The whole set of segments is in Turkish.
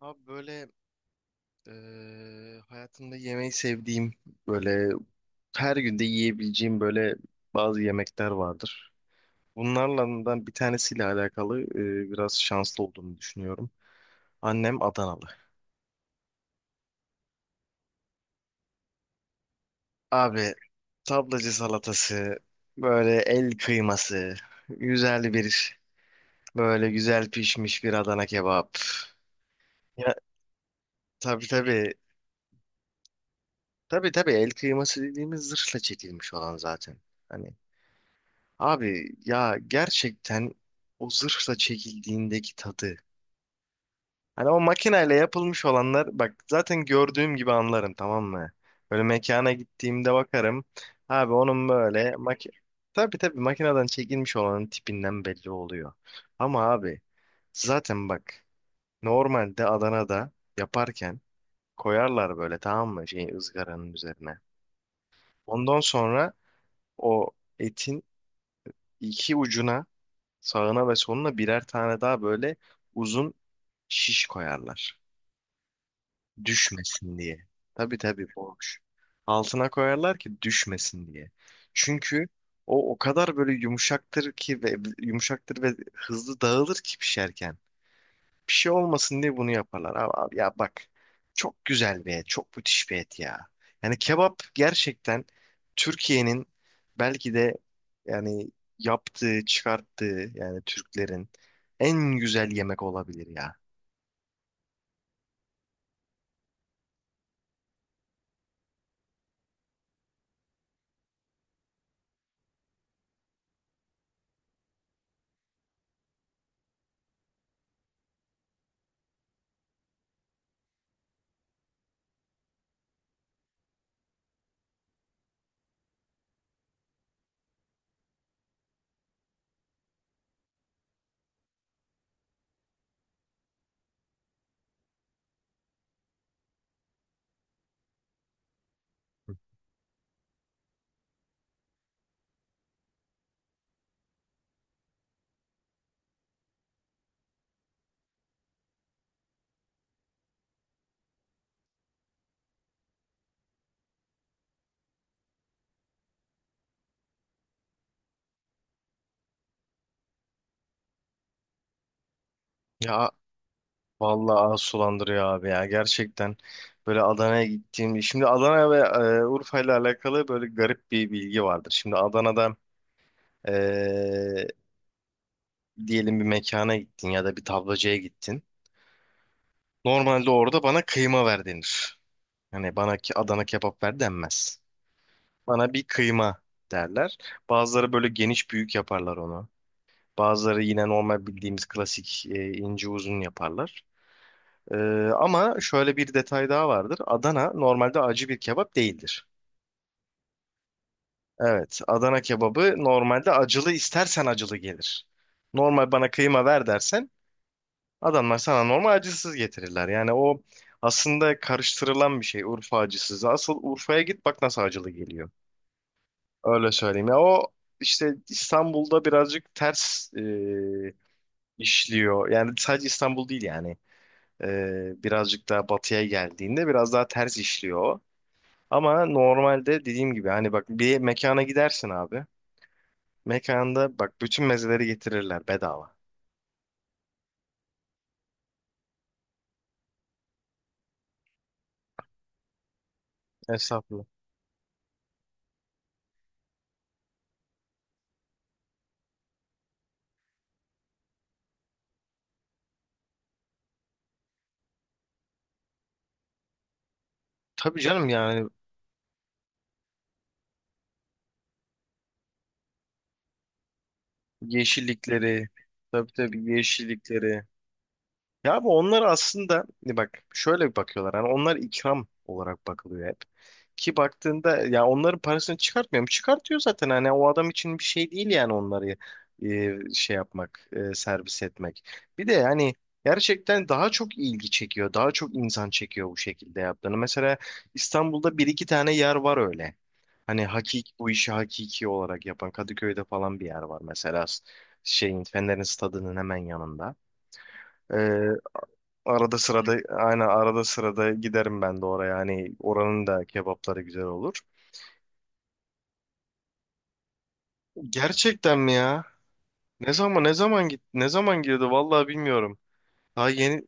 Abi böyle hayatımda yemeği sevdiğim böyle her günde yiyebileceğim böyle bazı yemekler vardır. Bunlardan bir tanesiyle alakalı biraz şanslı olduğumu düşünüyorum. Annem Adanalı. Abi tablacı salatası, böyle el kıyması, güzel bir böyle güzel pişmiş bir Adana kebap. Ya tabii tabii tabii tabii el kıyması dediğimiz zırhla çekilmiş olan zaten. Hani abi ya gerçekten o zırhla çekildiğindeki tadı. Hani o makineyle yapılmış olanlar bak zaten gördüğüm gibi anlarım, tamam mı? Böyle mekana gittiğimde bakarım. Abi onun böyle maki tabii tabii makineden çekilmiş olanın tipinden belli oluyor. Ama abi zaten bak normalde Adana'da yaparken koyarlar böyle, tamam mı, şey ızgaranın üzerine. Ondan sonra o etin iki ucuna, sağına ve soluna birer tane daha böyle uzun şiş koyarlar. Düşmesin diye. Tabii tabii boş. Altına koyarlar ki düşmesin diye. Çünkü o kadar böyle yumuşaktır ki ve yumuşaktır ve hızlı dağılır ki pişerken. Bir şey olmasın diye bunu yaparlar. Abi, abi ya bak, çok güzel bir et, çok müthiş bir et ya. Yani kebap gerçekten Türkiye'nin belki de, yani, yaptığı, çıkarttığı, yani Türklerin en güzel yemek olabilir ya. Ya vallahi ağız sulandırıyor abi ya, gerçekten böyle Adana'ya gittiğim şimdi Adana ve Urfa ile alakalı böyle garip bir bilgi vardır. Şimdi Adana'da e, diyelim bir mekana gittin ya da bir tablacıya gittin. Normalde orada bana kıyma ver denir. Hani bana ki Adana kebap ver denmez. Bana bir kıyma derler. Bazıları böyle geniş büyük yaparlar onu. Bazıları yine normal bildiğimiz klasik ince uzun yaparlar. Ee, Ama şöyle bir detay daha vardır. Adana normalde acı bir kebap değildir. Evet, Adana kebabı normalde acılı istersen acılı gelir. Normal bana kıyma ver dersen adamlar sana normal acısız getirirler. Yani o aslında karıştırılan bir şey Urfa acısızı. Asıl Urfa'ya git bak nasıl acılı geliyor. Öyle söyleyeyim. Ya o işte İstanbul'da birazcık ters işliyor. Yani sadece İstanbul değil yani. Birazcık daha batıya geldiğinde biraz daha ters işliyor o. Ama normalde dediğim gibi hani bak bir mekana gidersin abi. Mekanda bak bütün mezeleri getirirler bedava. Estağfurullah. Tabii canım yani. Yeşillikleri. Tabii tabii yeşillikleri. Ya abi onlar aslında ne, bak şöyle bir bakıyorlar. Yani onlar ikram olarak bakılıyor hep. Ki baktığında ya onların parasını çıkartmıyor mu? Çıkartıyor zaten, hani o adam için bir şey değil yani onları şey yapmak, servis etmek. Bir de yani gerçekten daha çok ilgi çekiyor. Daha çok insan çekiyor bu şekilde yaptığını. Mesela İstanbul'da bir iki tane yer var öyle. Hani hakik bu işi hakiki olarak yapan Kadıköy'de falan bir yer var mesela şeyin Fener'in stadının hemen yanında. Arada sırada, aynen, arada sırada giderim ben de oraya. Hani oranın da kebapları güzel olur. Gerçekten mi ya? Ne zaman girdi vallahi bilmiyorum. Daha yeni,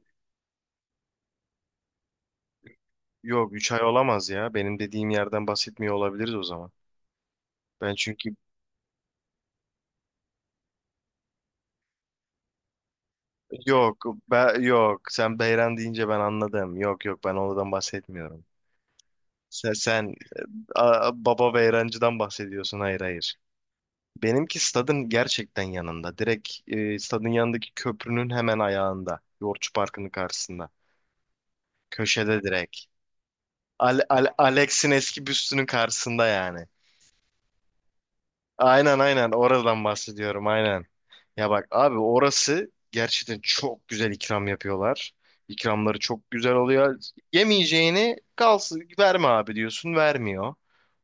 yok 3 ay olamaz ya. Benim dediğim yerden bahsetmiyor olabiliriz o zaman. Ben çünkü yok sen Beyran deyince ben anladım. Yok yok ben oradan bahsetmiyorum. Sen baba Beyrancı'dan bahsediyorsun. Hayır hayır. Benimki stadın gerçekten yanında. Direkt stadın yanındaki köprünün hemen ayağında. Yoğurtçu Parkı'nın karşısında. Köşede direkt. Alex'in eski büstünün karşısında yani. Aynen aynen oradan bahsediyorum, aynen. Ya bak abi, orası gerçekten çok güzel ikram yapıyorlar. İkramları çok güzel oluyor. Yemeyeceğini kalsın verme abi diyorsun, vermiyor.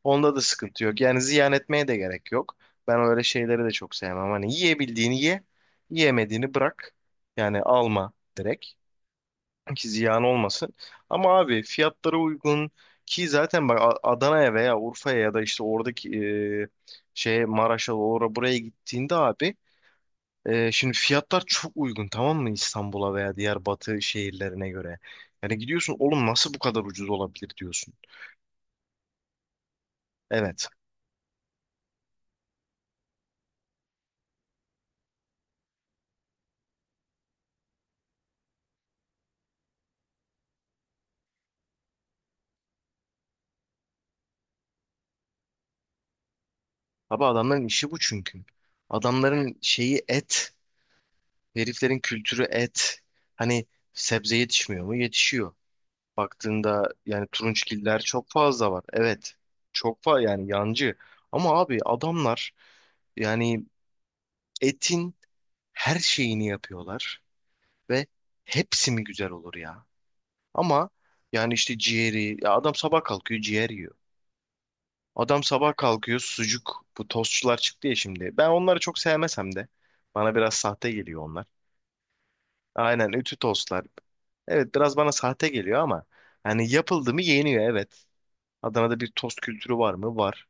Onda da sıkıntı yok. Yani ziyan etmeye de gerek yok. Ben öyle şeyleri de çok sevmem. Hani yiyebildiğini ye, yiyemediğini bırak. Yani alma direkt ki ziyan olmasın. Ama abi fiyatlara uygun, ki zaten bak Adana'ya veya Urfa'ya ya da işte oradaki şeye Maraş'a, oraya buraya gittiğinde abi, şimdi fiyatlar çok uygun, tamam mı, İstanbul'a veya diğer batı şehirlerine göre. Yani gidiyorsun, oğlum nasıl bu kadar ucuz olabilir diyorsun. Evet. Abi adamların işi bu çünkü. Adamların şeyi et, heriflerin kültürü et. Hani sebze yetişmiyor mu? Yetişiyor. Baktığında yani turunçgiller çok fazla var. Evet. Çok fazla yani yancı. Ama abi adamlar yani etin her şeyini yapıyorlar ve hepsi mi güzel olur ya? Ama yani işte ciğeri, ya adam sabah kalkıyor ciğer yiyor. Adam sabah kalkıyor sucuk, bu tostçular çıktı ya şimdi. Ben onları çok sevmesem de bana biraz sahte geliyor onlar. Aynen, ütü tostlar. Evet biraz bana sahte geliyor ama hani yapıldı mı yeniyor, evet. Adana'da bir tost kültürü var mı? Var.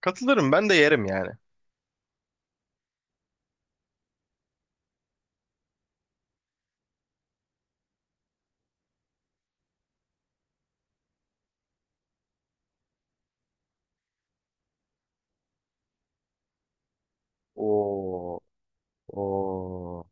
Katılırım, ben de yerim yani. Oo, oo.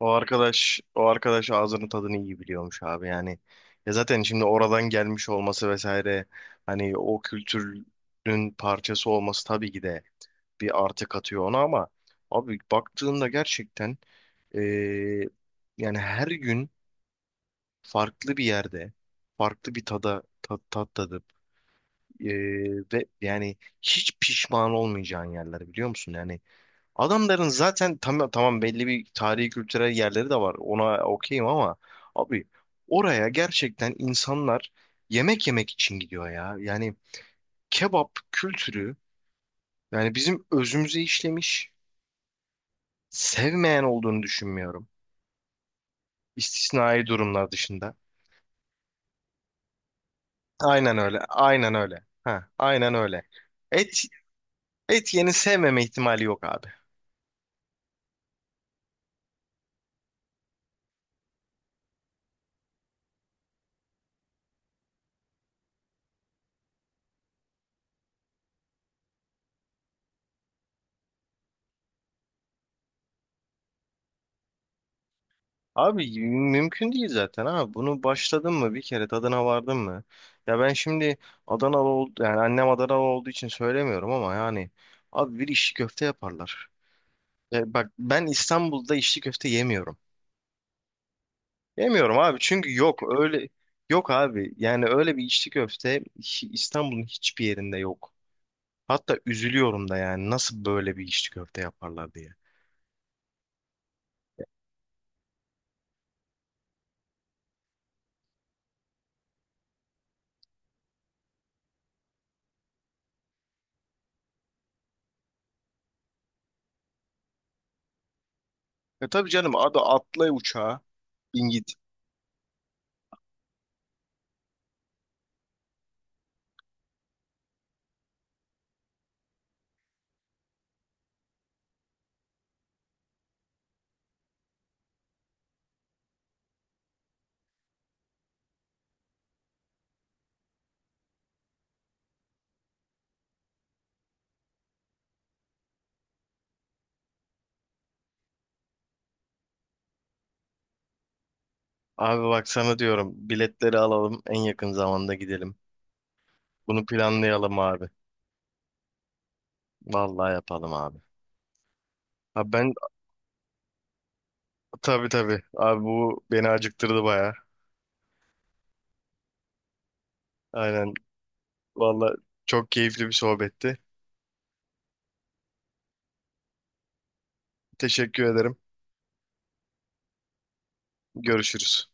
O arkadaş ağzının tadını iyi biliyormuş abi yani. Ya zaten şimdi oradan gelmiş olması vesaire, hani o kültürün parçası olması, tabii ki de bir artı katıyor ona. Ama abi baktığında gerçekten, eee, yani her gün farklı bir yerde farklı bir tada, tat tadı. Ee, Ve yani hiç pişman olmayacağın yerler, biliyor musun? Yani adamların zaten tamam, belli bir tarihi kültürel yerleri de var. Ona okeyim ama abi oraya gerçekten insanlar yemek yemek için gidiyor ya. Yani kebap kültürü yani bizim özümüze işlemiş. Sevmeyen olduğunu düşünmüyorum. İstisnai durumlar dışında. Aynen öyle. Aynen öyle. Ha, aynen öyle. Et Et yeni sevmeme ihtimali yok abi. Abi mümkün değil zaten abi. Bunu başladın mı bir kere, tadına vardın mı? Ya ben şimdi Adanalı oldu, yani annem Adanalı olduğu için söylemiyorum ama yani abi, bir içli köfte yaparlar. E bak, ben İstanbul'da içli köfte yemiyorum. Yemiyorum abi çünkü yok öyle, yok abi, yani öyle bir içli köfte İstanbul'un hiçbir yerinde yok. Hatta üzülüyorum da yani nasıl böyle bir içli köfte yaparlar diye. E tabii canım, hadi atla uçağa bin git. Abi bak sana diyorum, biletleri alalım en yakın zamanda gidelim. Bunu planlayalım abi. Vallahi yapalım abi. Abi ben, tabii tabii abi, bu beni acıktırdı baya. Aynen, vallahi çok keyifli bir sohbetti. Teşekkür ederim. Görüşürüz.